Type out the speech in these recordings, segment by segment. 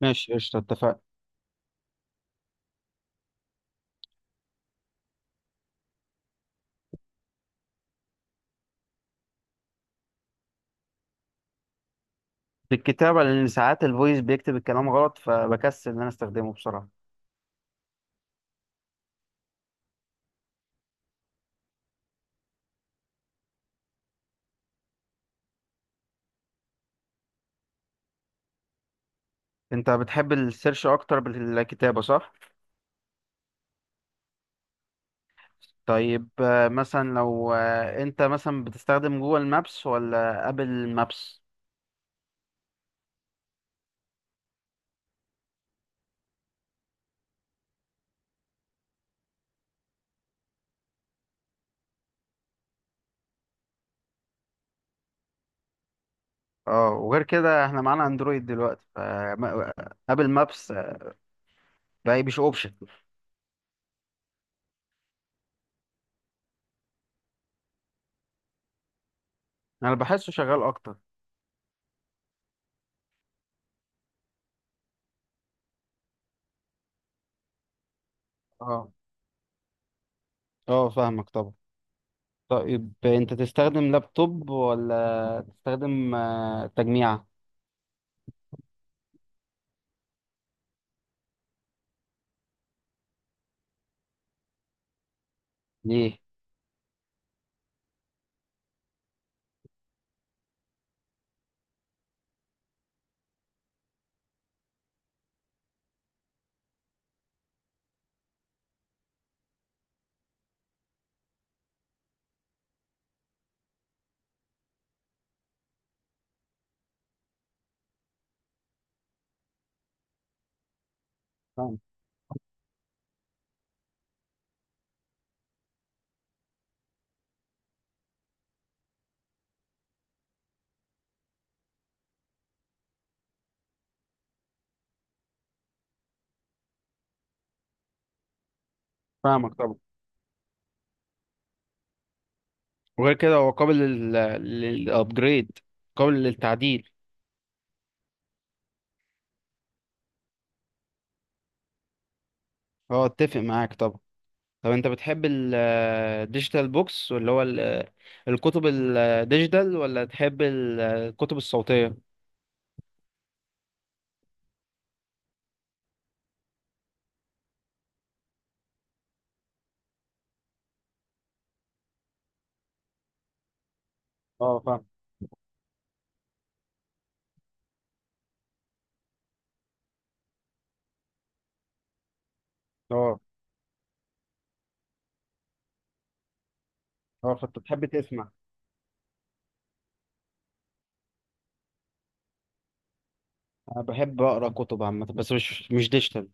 ماشي قشطة اتفقنا. بالكتابة، لأن ساعات الفويس بيكتب الكلام غلط فبكسل إن أنا أستخدمه بصراحة. أنت بتحب السيرش أكتر بالكتابة صح؟ طيب مثلا لو أنت مثلا بتستخدم جوجل مابس ولا أبل مابس؟ اه، وغير كده احنا معانا اندرويد دلوقتي، فابل مابس بقى مش اوبشن. انا بحسه شغال اكتر. اه. اه فاهمك طبعا. طيب انت تستخدم لابتوب ولا تستخدم تجميعة؟ ليه؟ فاهم. فاهمك طبعا. وغير كده هو قابل للابجريد، قابل للتعديل. هو اتفق معاك طبعا. طب انت بتحب الديجيتال بوكس واللي هو الكتب الديجيتال ولا تحب الكتب الصوتية؟ اه فاهم. اه. اه فانت بتحب تسمع. انا بحب اقرا كتب عامة بس مش ديجيتال،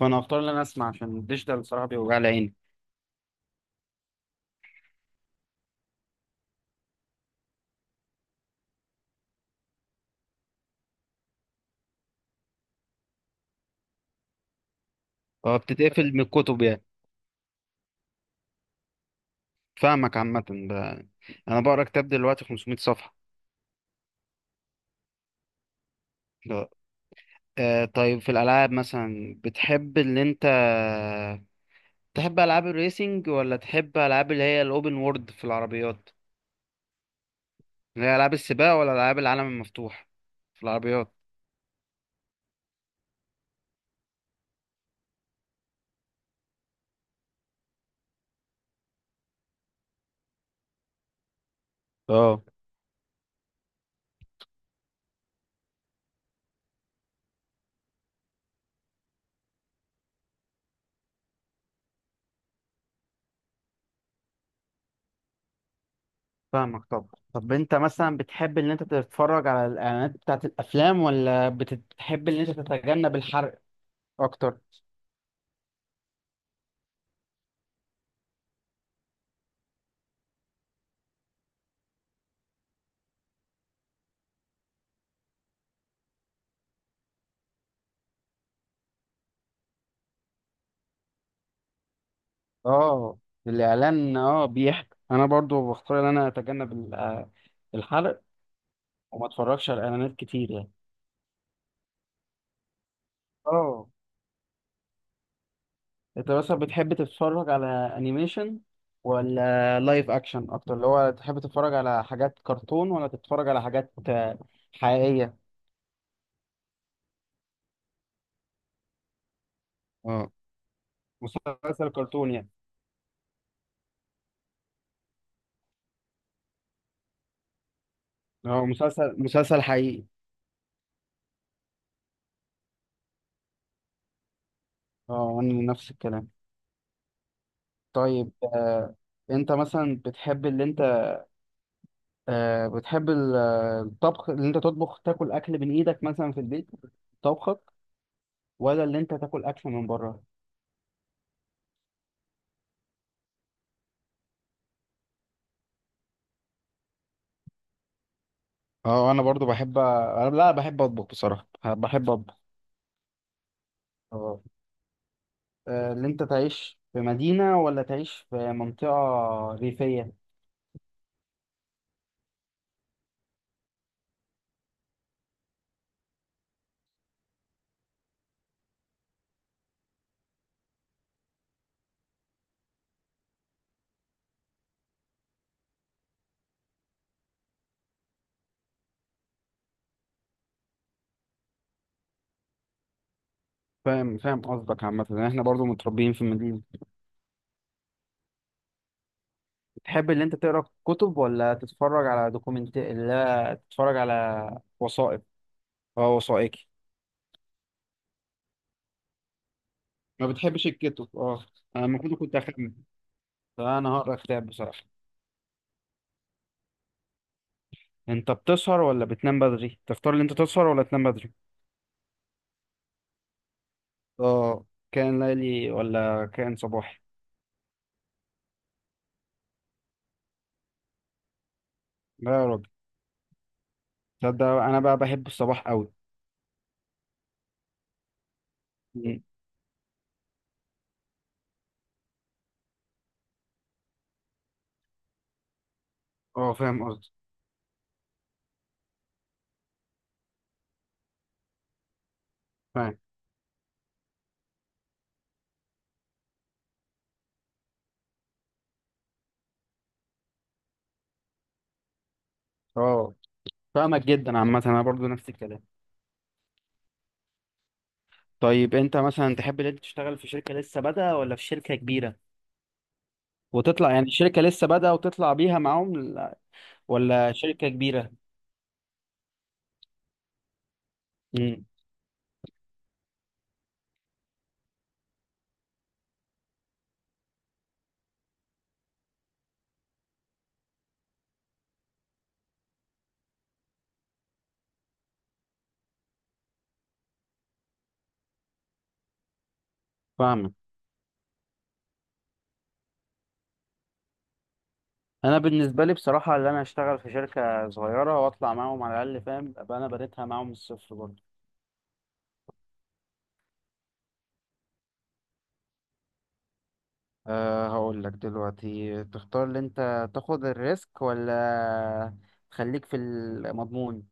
فانا هختار ان انا اسمع، عشان الديجيتال صراحة بيوجع لي عيني. اه، بتتقفل من الكتب يعني. فاهمك عامة. انا بقرا كتاب دلوقتي 500 صفحة. آه طيب، في الألعاب مثلا، بتحب اللي أنت تحب ألعاب الريسينج ولا تحب ألعاب اللي هي الأوبن وورد في العربيات؟ اللي هي ألعاب السباق ولا ألعاب العالم المفتوح في العربيات؟ اه فاهمك طبعا. طب أنت مثلا بتحب إن أنت تتفرج على الإعلانات بتاعت الأفلام ولا بتحب إن أنت تتجنب الحرق أكتر؟ اه الإعلان، اه بيحكي، أنا برضو بختار إن أنا أتجنب الحرق، وما أتفرجش على إعلانات كتير يعني. اه، انت مثلا بتحب تتفرج على انيميشن ولا لايف اكشن اكتر، اللي هو تحب تتفرج على حاجات كرتون ولا تتفرج على حاجات حقيقية؟ اه مسلسل كرتون يعني. اه مسلسل حقيقي. اه وانا نفس الكلام. طيب آه، انت مثلا بتحب اللي انت بتحب الطبخ، اللي انت تطبخ تاكل اكل من ايدك مثلا في البيت، طبخك، ولا اللي انت تاكل اكل من بره؟ اه انا برضو بحب انا لا، بحب اطبخ بصراحة، بحب اطبخ. اللي انت تعيش في مدينة ولا تعيش في منطقة ريفية؟ فاهم فاهم قصدك عامة، يعني احنا برضو متربيين في مدينة. تحب اللي انت تقرا كتب ولا تتفرج على دوكيومنت، لا تتفرج على وثائق، اه وثائقي. ما بتحبش الكتب، اه انا المفروض كنت اخمن، فانا هقرا كتاب بصراحة. انت بتسهر ولا بتنام بدري؟ تختار اللي انت تسهر ولا تنام بدري؟ اه كان ليلي ولا كان صباحي؟ لا يا راجل، تصدق انا بقى بحب الصباح قوي. اه فاهم قصدي. اه فاهمك جدا، عامة انا برضو نفس الكلام. طيب انت مثلا تحب ان انت تشتغل في شركة لسه بادئة ولا في شركة كبيرة، وتطلع يعني شركة لسه بادئة وتطلع بيها معاهم ولا شركة كبيرة؟ امم فاهمك. انا بالنسبة لي بصراحة ان انا اشتغل في شركة صغيرة واطلع معاهم على الاقل، فاهم، ابقى انا بنيتها معاهم من الصفر برضو. أه هقول لك دلوقتي، تختار ان انت تاخد الريسك ولا تخليك في المضمون؟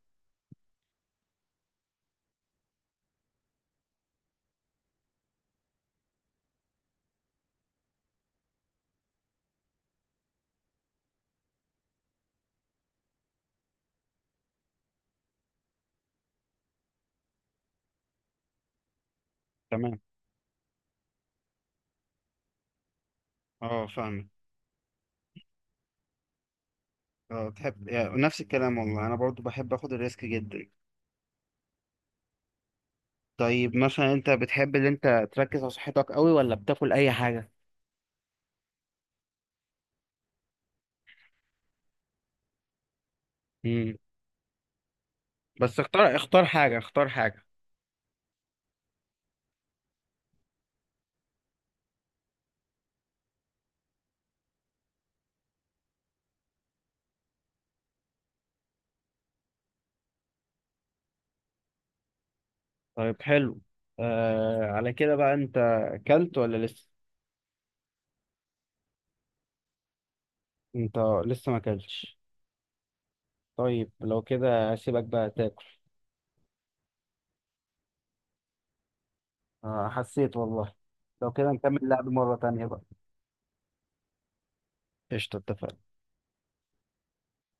تمام. اه فاهمك. اه بتحب يعني، نفس الكلام والله، انا برضو بحب اخد الريسك جدا. طيب مثلا انت بتحب ان انت تركز على صحتك قوي ولا بتاكل اي حاجه؟ امم، بس اختار، اختار حاجه. طيب حلو. آه على كده بقى، انت اكلت ولا لسه؟ انت لسه ما اكلتش؟ طيب لو كده هسيبك بقى تاكل. آه حسيت والله. لو كده نكمل لعب مره تانية بقى. قشطه، اتفقنا.